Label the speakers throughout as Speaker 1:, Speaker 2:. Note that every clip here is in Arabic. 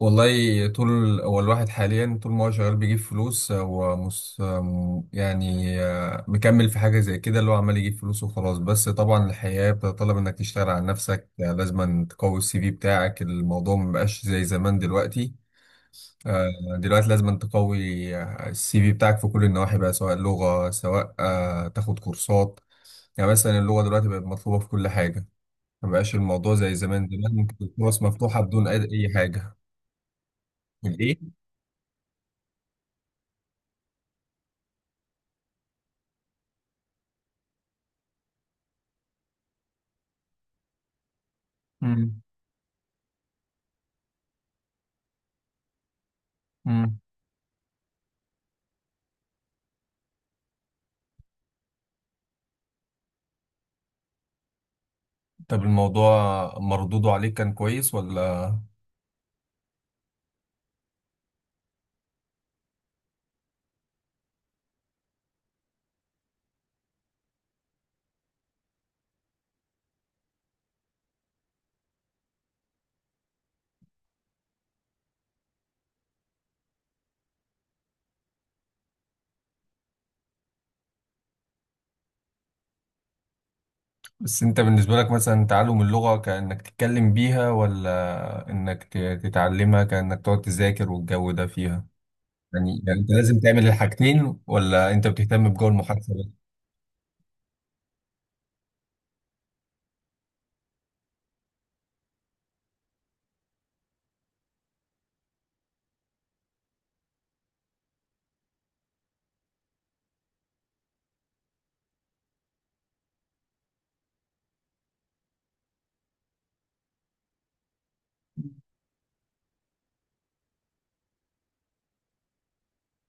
Speaker 1: والله، هو الواحد حاليا طول ما هو شغال بيجيب فلوس هو يعني مكمل في حاجة زي كده اللي هو عمال يجيب فلوس وخلاص. بس طبعا الحياة بتطلب انك تشتغل على نفسك، لازم تقوي CV بتاعك. الموضوع مبقاش زي زمان دلوقتي. آه، دلوقتي لازم تقوي السي في بتاعك في كل النواحي بقى، سواء لغة، سواء تاخد كورسات. يعني مثلا اللغة دلوقتي بقت مطلوبة في كل حاجة. مبقاش الموضوع زي زمان. زمان ممكن الفرص مفتوحة بدون أي أي حاجة. الإيه؟ مم. مم. طب الموضوع مردوده عليك كان كويس ولا؟ بس انت بالنسبة لك مثلا تعلم اللغة كأنك تتكلم بيها، ولا انك تتعلمها كأنك تقعد تذاكر والجو ده فيها؟ يعني انت لازم تعمل الحاجتين، ولا انت بتهتم بجو المحادثة؟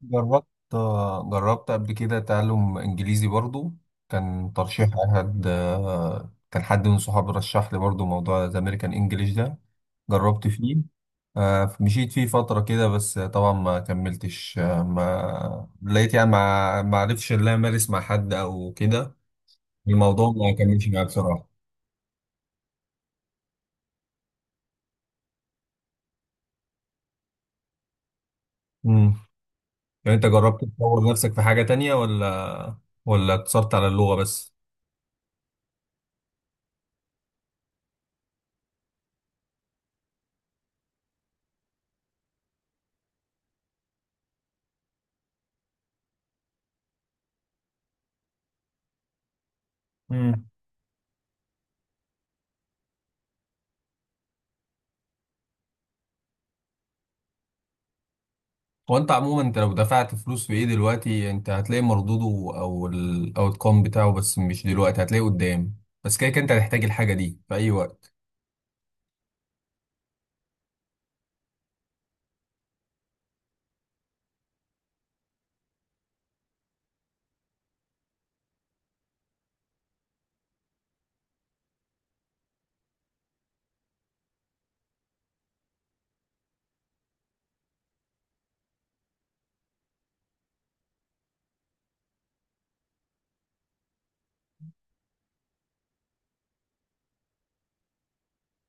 Speaker 1: جربت. جربت قبل كده تعلم انجليزي برضو. كان ترشيح احد، كان حد من صحابي رشح لي برضو موضوع الامريكان انجليش ده. جربت فيه، مشيت فيه فترة كده بس طبعا ما كملتش، ما لقيت يعني ما عرفش ان انا امارس مع حد او كده. الموضوع ما كملش معايا بصراحة. امم. يعني انت جربت تطور نفسك في حاجة تانية، ولا اقتصرت على اللغة بس؟ هو انت عموما، انت لو دفعت فلوس في ايه دلوقتي انت هتلاقي مردوده او الاوت كوم بتاعه. بس مش دلوقتي، هتلاقيه قدام. بس كده كده انت هتحتاج الحاجه دي في اي وقت.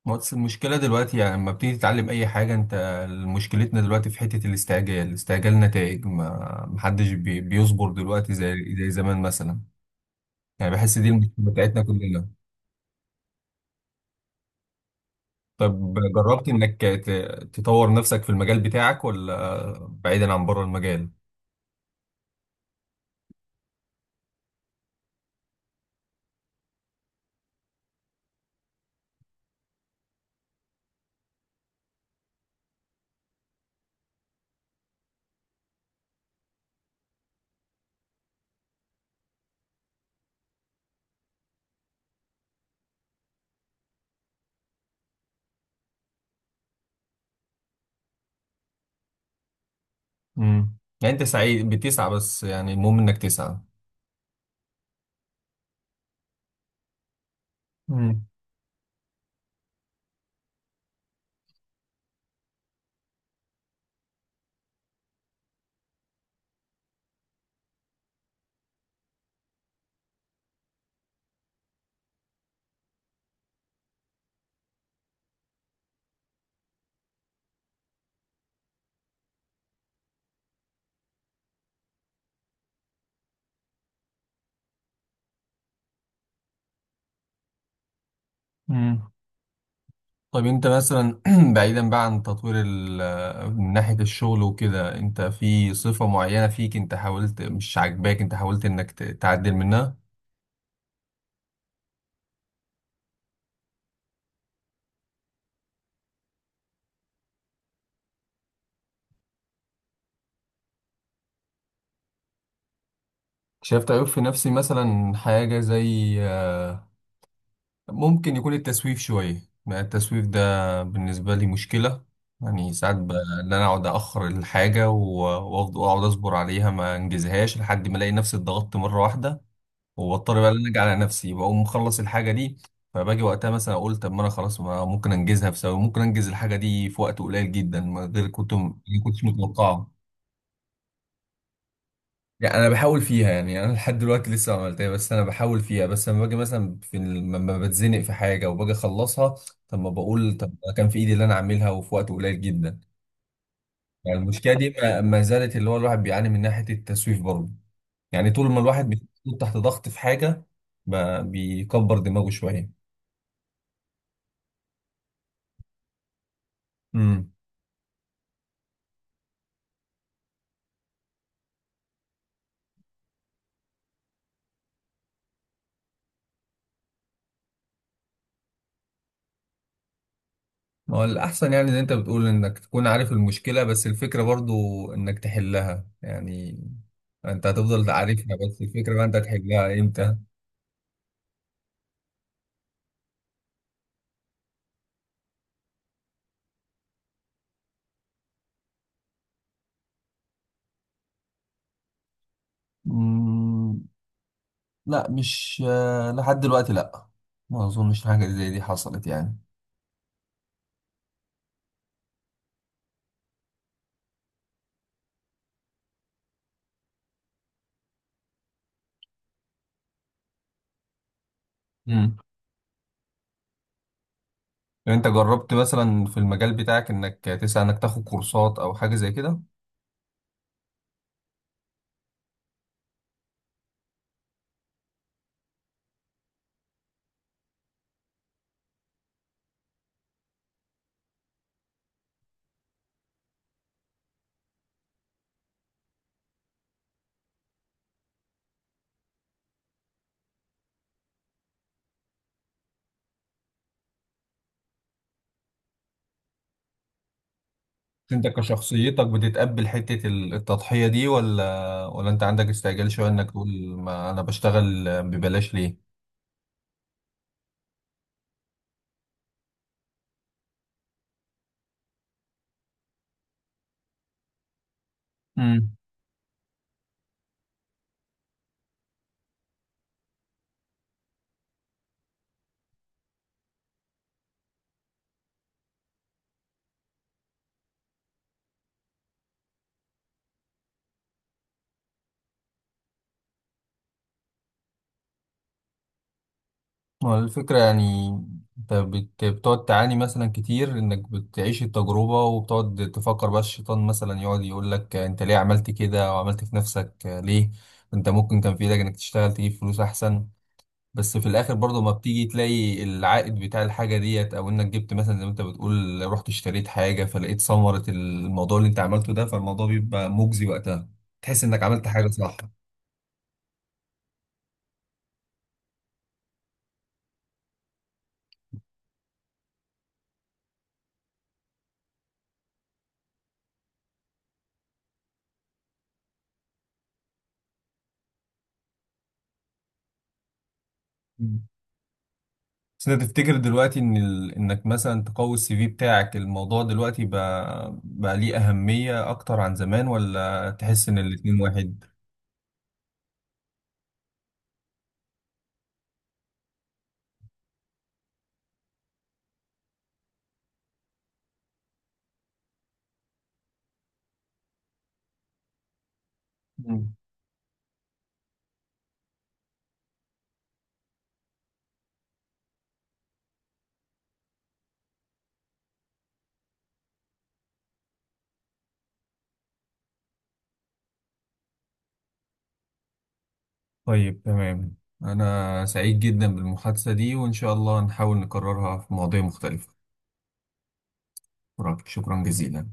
Speaker 1: ما بس المشكله دلوقتي يعني لما بتيجي تتعلم اي حاجه انت، مشكلتنا دلوقتي في حته الاستعجال، استعجال نتائج. ما محدش بيصبر دلوقتي زي زمان مثلا. يعني بحس دي المشكله بتاعتنا كلنا. طب جربت انك تطور نفسك في المجال بتاعك ولا بعيدا عن بره المجال؟ امم. يعني انت سعيد بتسعى، بس يعني المهم انك تسعى. امم. امم. طيب انت مثلا بعيدا بقى عن تطوير من ناحية الشغل وكده، انت في صفة معينة فيك انت حاولت مش عاجباك، انت حاولت انك تعدل منها؟ شايف عيب في نفسي مثلا، حاجة زي ممكن يكون التسويف شوية. يعني التسويف ده بالنسبة لي مشكلة. يعني ساعات ان انا اقعد اخر الحاجة واقعد وأقعد اصبر عليها، ما انجزهاش لحد ما الاقي نفسي اتضغطت مرة واحدة، واضطر بقى ان ارجع على نفسي، بقوم مخلص الحاجه دي. فباجي وقتها مثلا اقول، طب ما انا خلاص ما ممكن انجزها في ثواني، ممكن انجز الحاجه دي في وقت قليل جدا ما غير كنت ما كنتش متوقعه. يعني انا بحاول فيها، يعني انا لحد دلوقتي لسه ما عملتها، بس انا بحاول فيها. بس لما باجي مثلا في لما بتزنق في حاجه وباجي اخلصها، طب ما بقول طب ما كان في ايدي اللي انا اعملها وفي وقت قليل جدا. يعني المشكله دي ما ما زالت، اللي هو الواحد بيعاني من ناحيه التسويف برضه. يعني طول ما الواحد بيكون تحت ضغط في حاجه ما بيكبر دماغه شويه. امم. ما هو الأحسن يعني زي أنت بتقول، إنك تكون عارف المشكلة. بس الفكرة برضو إنك تحلها يعني. أنت هتفضل تعرفها، بس الفكرة بقى أنت هتحلها إمتى؟ مم، لا مش لحد دلوقتي، لا. ما اظنش حاجه زي دي حصلت يعني. مم. لو انت جربت مثلا في المجال بتاعك انك تسعى انك تاخد كورسات او حاجه زي كده؟ انت كشخصيتك بتتقبل حته التضحيه دي، ولا انت عندك استعجال شويه انك تقول ما انا بشتغل ببلاش ليه؟ مم. هو الفكرة يعني انت بتقعد تعاني مثلا كتير، انك بتعيش التجربة وبتقعد تفكر بقى، الشيطان مثلا يقعد يقول لك انت ليه عملت كده وعملت في نفسك ليه، انت ممكن كان في ايدك انك تشتغل تجيب فلوس احسن. بس في الاخر برضه ما بتيجي تلاقي العائد بتاع الحاجة ديت، او انك جبت مثلا زي ما انت بتقول رحت اشتريت حاجة فلقيت ثمرة الموضوع اللي انت عملته ده، فالموضوع بيبقى مجزي وقتها، تحس انك عملت حاجة صح. بس انت تفتكر دلوقتي ان ال... انك مثلا تقوي CV بتاعك الموضوع دلوقتي بقى ليه اهمية اكتر عن زمان، ولا تحس ان الاتنين واحد؟ مم. طيب تمام، انا سعيد جدا بالمحادثة دي وان شاء الله نحاول نكررها في مواضيع مختلفة. شكرا، شكراً جزيلا.